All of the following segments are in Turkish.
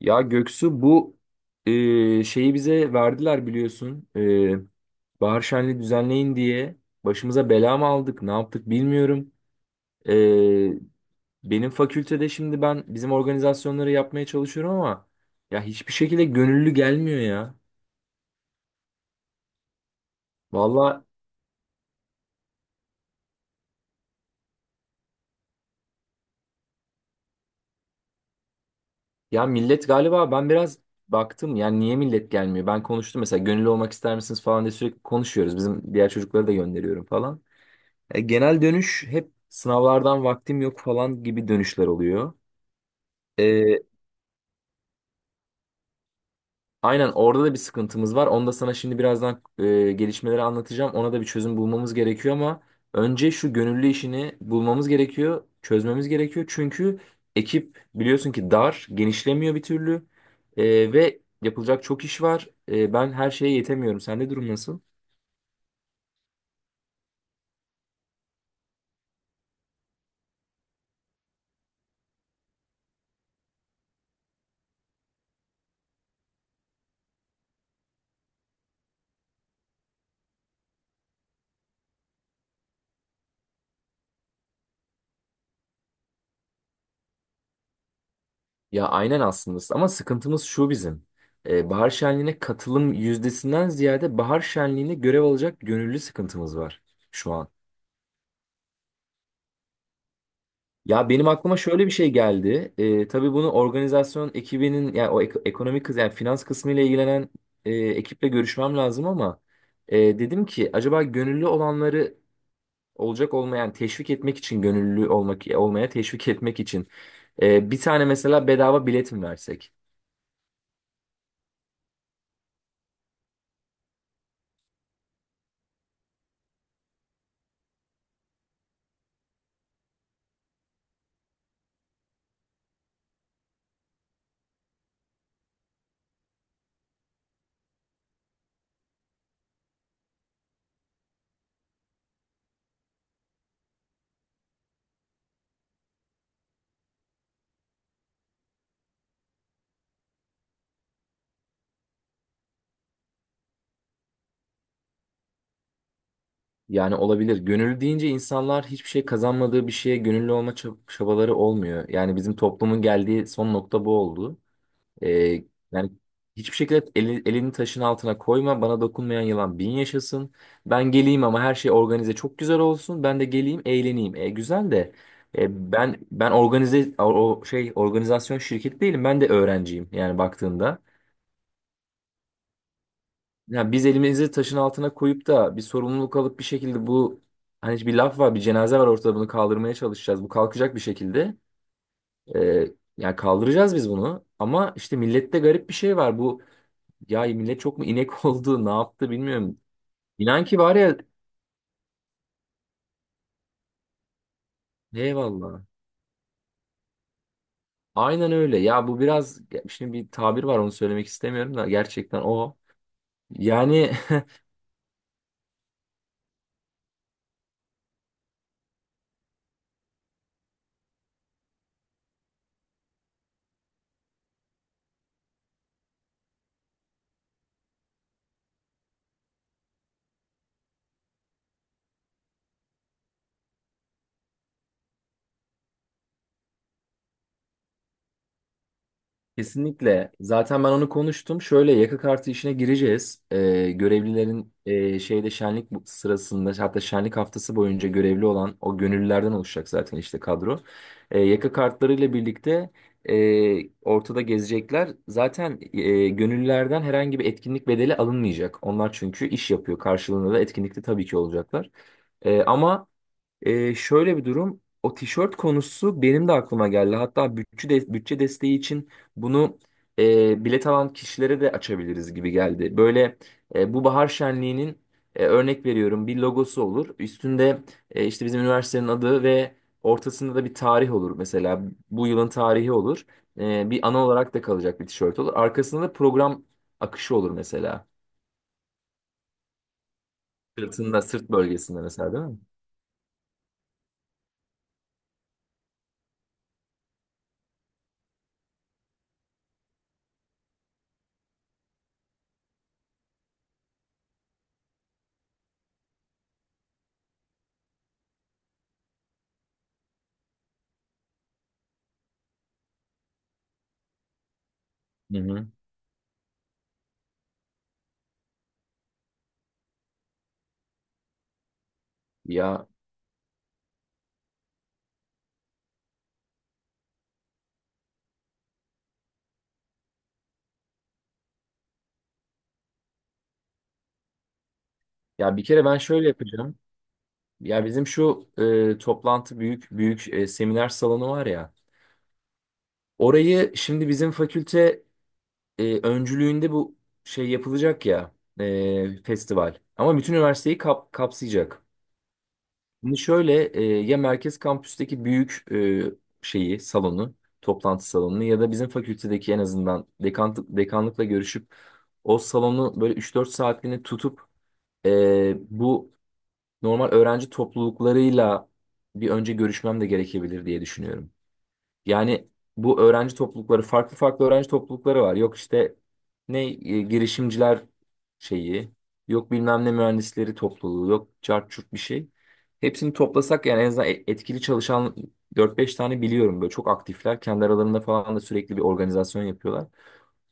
Ya Göksu, bu şeyi bize verdiler biliyorsun. Bahar şenliği düzenleyin diye başımıza bela mı aldık, ne yaptık bilmiyorum. E, Benim fakültede şimdi ben bizim organizasyonları yapmaya çalışıyorum ama ya hiçbir şekilde gönüllü gelmiyor ya. Valla, ya millet galiba ben biraz baktım, yani niye millet gelmiyor? Ben konuştum mesela, gönüllü olmak ister misiniz falan diye sürekli konuşuyoruz. Bizim diğer çocukları da gönderiyorum falan. Genel dönüş hep sınavlardan vaktim yok falan gibi dönüşler oluyor. E, aynen, orada da bir sıkıntımız var. Onu da sana şimdi birazdan gelişmeleri anlatacağım. Ona da bir çözüm bulmamız gerekiyor ama önce şu gönüllü işini bulmamız gerekiyor, çözmemiz gerekiyor. Çünkü ekip biliyorsun ki dar, genişlemiyor bir türlü. Ve yapılacak çok iş var. Ben her şeye yetemiyorum. Sende durum nasıl? Ya aynen aslında, ama sıkıntımız şu bizim. Bahar şenliğine katılım yüzdesinden ziyade bahar şenliğine görev alacak gönüllü sıkıntımız var şu an. Ya benim aklıma şöyle bir şey geldi. Tabii bunu organizasyon ekibinin, yani o ekonomik kız, yani finans kısmı ile ilgilenen ekiple görüşmem lazım ama dedim ki acaba gönüllü olanları olacak olmayan, yani teşvik etmek için gönüllü olmaya teşvik etmek için bir tane mesela bedava bilet mi versek? Yani olabilir. Gönüllü deyince insanlar hiçbir şey kazanmadığı bir şeye gönüllü olma çabaları olmuyor. Yani bizim toplumun geldiği son nokta bu oldu. Ee, Yani hiçbir şekilde elini taşın altına koyma, bana dokunmayan yılan bin yaşasın. Ben geleyim ama her şey organize, çok güzel olsun. Ben de geleyim, eğleneyim. Güzel de ben organize, o şey, organizasyon şirketi değilim. Ben de öğrenciyim yani baktığında. Yani biz elimizi taşın altına koyup da bir sorumluluk alıp bir şekilde bu, hani bir laf var, bir cenaze var ortada, bunu kaldırmaya çalışacağız. Bu kalkacak bir şekilde. Ee, Yani kaldıracağız biz bunu. Ama işte millette garip bir şey var. Bu, ya millet çok mu inek oldu ne yaptı bilmiyorum. İnan ki var ya, eyvallah. Aynen öyle. Ya bu biraz, şimdi bir tabir var onu söylemek istemiyorum da gerçekten o. Yani. Kesinlikle. Zaten ben onu konuştum. Şöyle yaka kartı işine gireceğiz. Görevlilerin şeyde şenlik sırasında, hatta şenlik haftası boyunca görevli olan o gönüllülerden oluşacak zaten işte kadro. Yaka kartlarıyla birlikte ortada gezecekler. Zaten gönüllülerden herhangi bir etkinlik bedeli alınmayacak. Onlar çünkü iş yapıyor. Karşılığında da etkinlikte tabii ki olacaklar. Ama şöyle bir durum. O tişört konusu benim de aklıma geldi. Hatta bütçe desteği için bunu bilet alan kişilere de açabiliriz gibi geldi. Böyle bu bahar şenliğinin, örnek veriyorum, bir logosu olur. Üstünde işte bizim üniversitenin adı ve ortasında da bir tarih olur. Mesela bu yılın tarihi olur. Bir ana olarak da kalacak bir tişört olur. Arkasında da program akışı olur mesela. Sırtında, sırt bölgesinde mesela, değil mi? Hı hı. Ya ya bir kere ben şöyle yapacağım. Ya bizim şu toplantı, büyük büyük seminer salonu var ya. Orayı şimdi bizim fakülte öncülüğünde bu şey yapılacak ya, festival. Ama bütün üniversiteyi kapsayacak. Şimdi şöyle ya merkez kampüsteki büyük şeyi salonu toplantı salonunu ya da bizim fakültedeki, en azından dekanlıkla görüşüp o salonu böyle 3-4 saatliğini tutup bu normal öğrenci topluluklarıyla bir önce görüşmem de gerekebilir diye düşünüyorum. Yani bu öğrenci toplulukları, farklı farklı öğrenci toplulukları var. Yok işte ne girişimciler şeyi, yok bilmem ne mühendisleri topluluğu, yok cart curt bir şey. Hepsini toplasak yani en azından etkili çalışan dört beş tane biliyorum, böyle çok aktifler. Kendi aralarında falan da sürekli bir organizasyon yapıyorlar.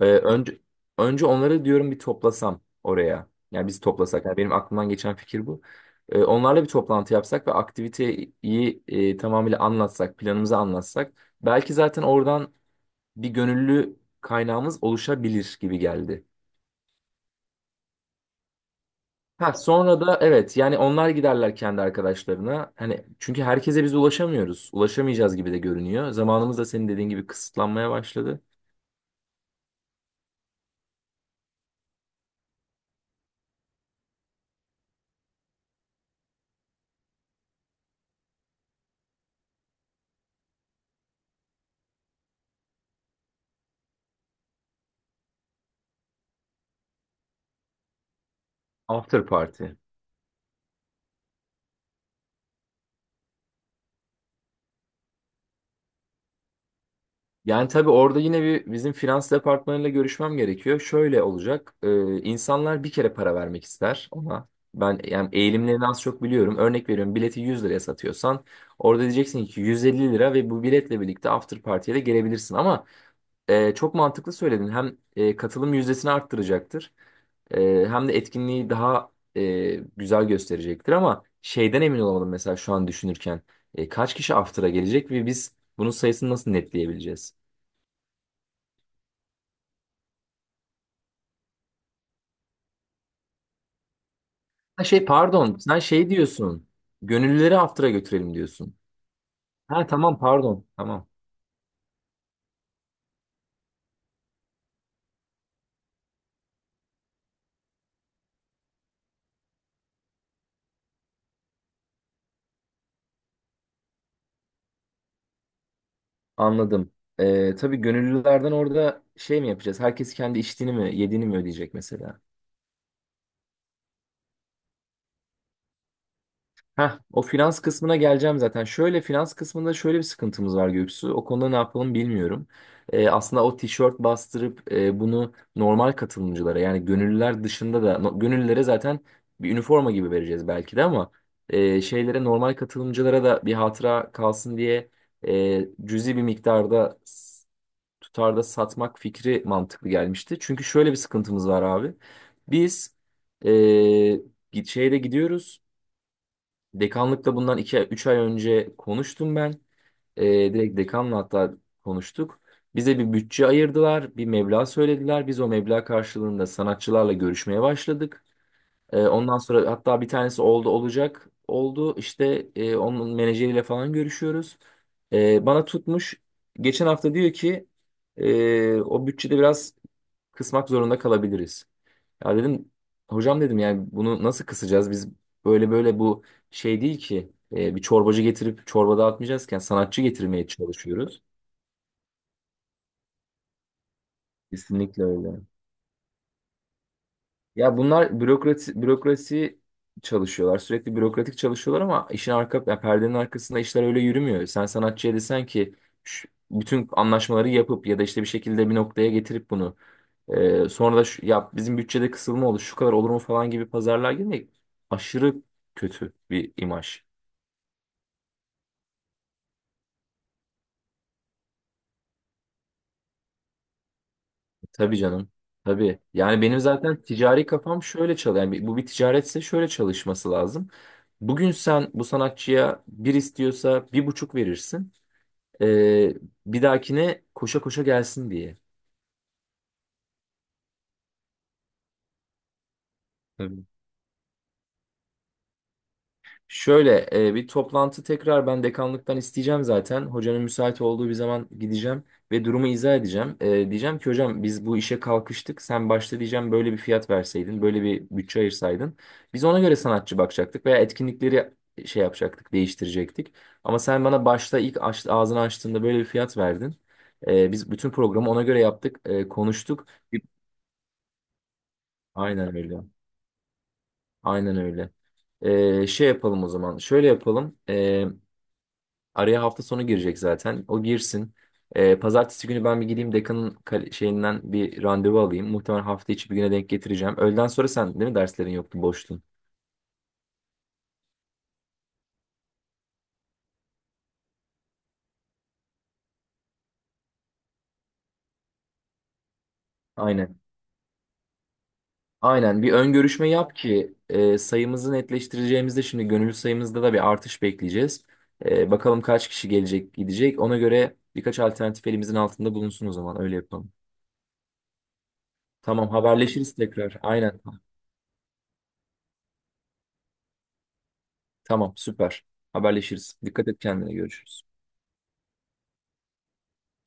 Ee, önce önce onları diyorum bir toplasam oraya. Yani biz toplasak. Yani benim aklımdan geçen fikir bu. Onlarla bir toplantı yapsak ve aktiviteyi tamamıyla anlatsak, planımızı anlatsak. Belki zaten oradan bir gönüllü kaynağımız oluşabilir gibi geldi. Ha sonra da evet, yani onlar giderler kendi arkadaşlarına. Hani çünkü herkese biz ulaşamıyoruz. Ulaşamayacağız gibi de görünüyor. Zamanımız da senin dediğin gibi kısıtlanmaya başladı. After party. Yani tabii orada yine bir bizim finans departmanıyla görüşmem gerekiyor. Şöyle olacak. İnsanlar bir kere para vermek ister ona. Ben yani eğilimlerini az çok biliyorum. Örnek veriyorum, bileti 100 liraya satıyorsan orada diyeceksin ki 150 lira ve bu biletle birlikte after party'ye de gelebilirsin. Ama çok mantıklı söyledin. Hem katılım yüzdesini arttıracaktır. Hem de etkinliği daha güzel gösterecektir, ama şeyden emin olamadım mesela şu an düşünürken. Kaç kişi after'a gelecek ve biz bunun sayısını nasıl netleyebileceğiz? Ha şey, pardon, sen şey diyorsun. Gönüllüleri after'a götürelim diyorsun. Ha tamam, pardon, tamam, anladım. Tabii gönüllülerden orada şey mi yapacağız? Herkes kendi içtiğini mi yediğini mi ödeyecek mesela? Heh, o finans kısmına geleceğim zaten. Şöyle, finans kısmında şöyle bir sıkıntımız var Göksu. O konuda ne yapalım bilmiyorum. Aslında o tişört bastırıp bunu normal katılımcılara, yani gönüllüler dışında da, gönüllülere zaten bir üniforma gibi vereceğiz belki de, ama şeylere, normal katılımcılara da bir hatıra kalsın diye cüzi bir miktarda tutarda satmak fikri mantıklı gelmişti. Çünkü şöyle bir sıkıntımız var abi. Biz e, şeyde gidiyoruz. Dekanlıkla bundan 2-3 ay önce konuştum ben. Ee, Direkt dekanla hatta konuştuk. Bize bir bütçe ayırdılar, bir meblağ söylediler. Biz o meblağ karşılığında sanatçılarla görüşmeye başladık. Ondan sonra hatta bir tanesi oldu olacak oldu. İşte onun menajeriyle falan görüşüyoruz. Bana tutmuş. Geçen hafta diyor ki o bütçede biraz kısmak zorunda kalabiliriz. Ya dedim, hocam dedim, yani bunu nasıl kısacağız? Biz böyle böyle, bu şey değil ki bir çorbacı getirip çorba dağıtmayacağızken sanatçı getirmeye çalışıyoruz. Kesinlikle öyle. Ya bunlar bürokrasi bürokrasi çalışıyorlar. Sürekli bürokratik çalışıyorlar ama işin arka, yani perdenin arkasında işler öyle yürümüyor. Sen sanatçıya desen ki bütün anlaşmaları yapıp ya da işte bir şekilde bir noktaya getirip bunu sonra da şu, ya bizim bütçede kısılma olur şu kadar olur mu falan gibi pazarlığa girmek aşırı kötü bir imaj. Tabii canım. Tabii. Yani benim zaten ticari kafam şöyle çalışıyor. Yani bu bir ticaretse şöyle çalışması lazım. Bugün sen bu sanatçıya bir istiyorsa bir buçuk verirsin. Ee, Bir dahakine koşa koşa gelsin diye. Şöyle bir toplantı tekrar ben dekanlıktan isteyeceğim zaten. Hocanın müsait olduğu bir zaman gideceğim ve durumu izah edeceğim. Diyeceğim ki hocam biz bu işe kalkıştık. Sen başta diyeceğim böyle bir fiyat verseydin, böyle bir bütçe ayırsaydın. Biz ona göre sanatçı bakacaktık veya etkinlikleri şey yapacaktık, değiştirecektik. Ama sen bana başta ilk ağzını açtığında böyle bir fiyat verdin. Biz bütün programı ona göre yaptık, konuştuk. Aynen öyle. Aynen öyle. Şey yapalım o zaman. Şöyle yapalım. Araya hafta sonu girecek zaten. O girsin. Pazartesi günü ben bir gideyim dekanın şeyinden bir randevu alayım. Muhtemelen hafta içi bir güne denk getireceğim. Öğleden sonra sen değil mi, derslerin yoktu boştun. Aynen. Aynen bir ön görüşme yap ki sayımızı netleştireceğimizde, şimdi gönüllü sayımızda da bir artış bekleyeceğiz. Bakalım kaç kişi gelecek gidecek. Ona göre birkaç alternatif elimizin altında bulunsun, o zaman öyle yapalım. Tamam, haberleşiriz tekrar. Aynen. Tamam, süper. Haberleşiriz. Dikkat et kendine, görüşürüz.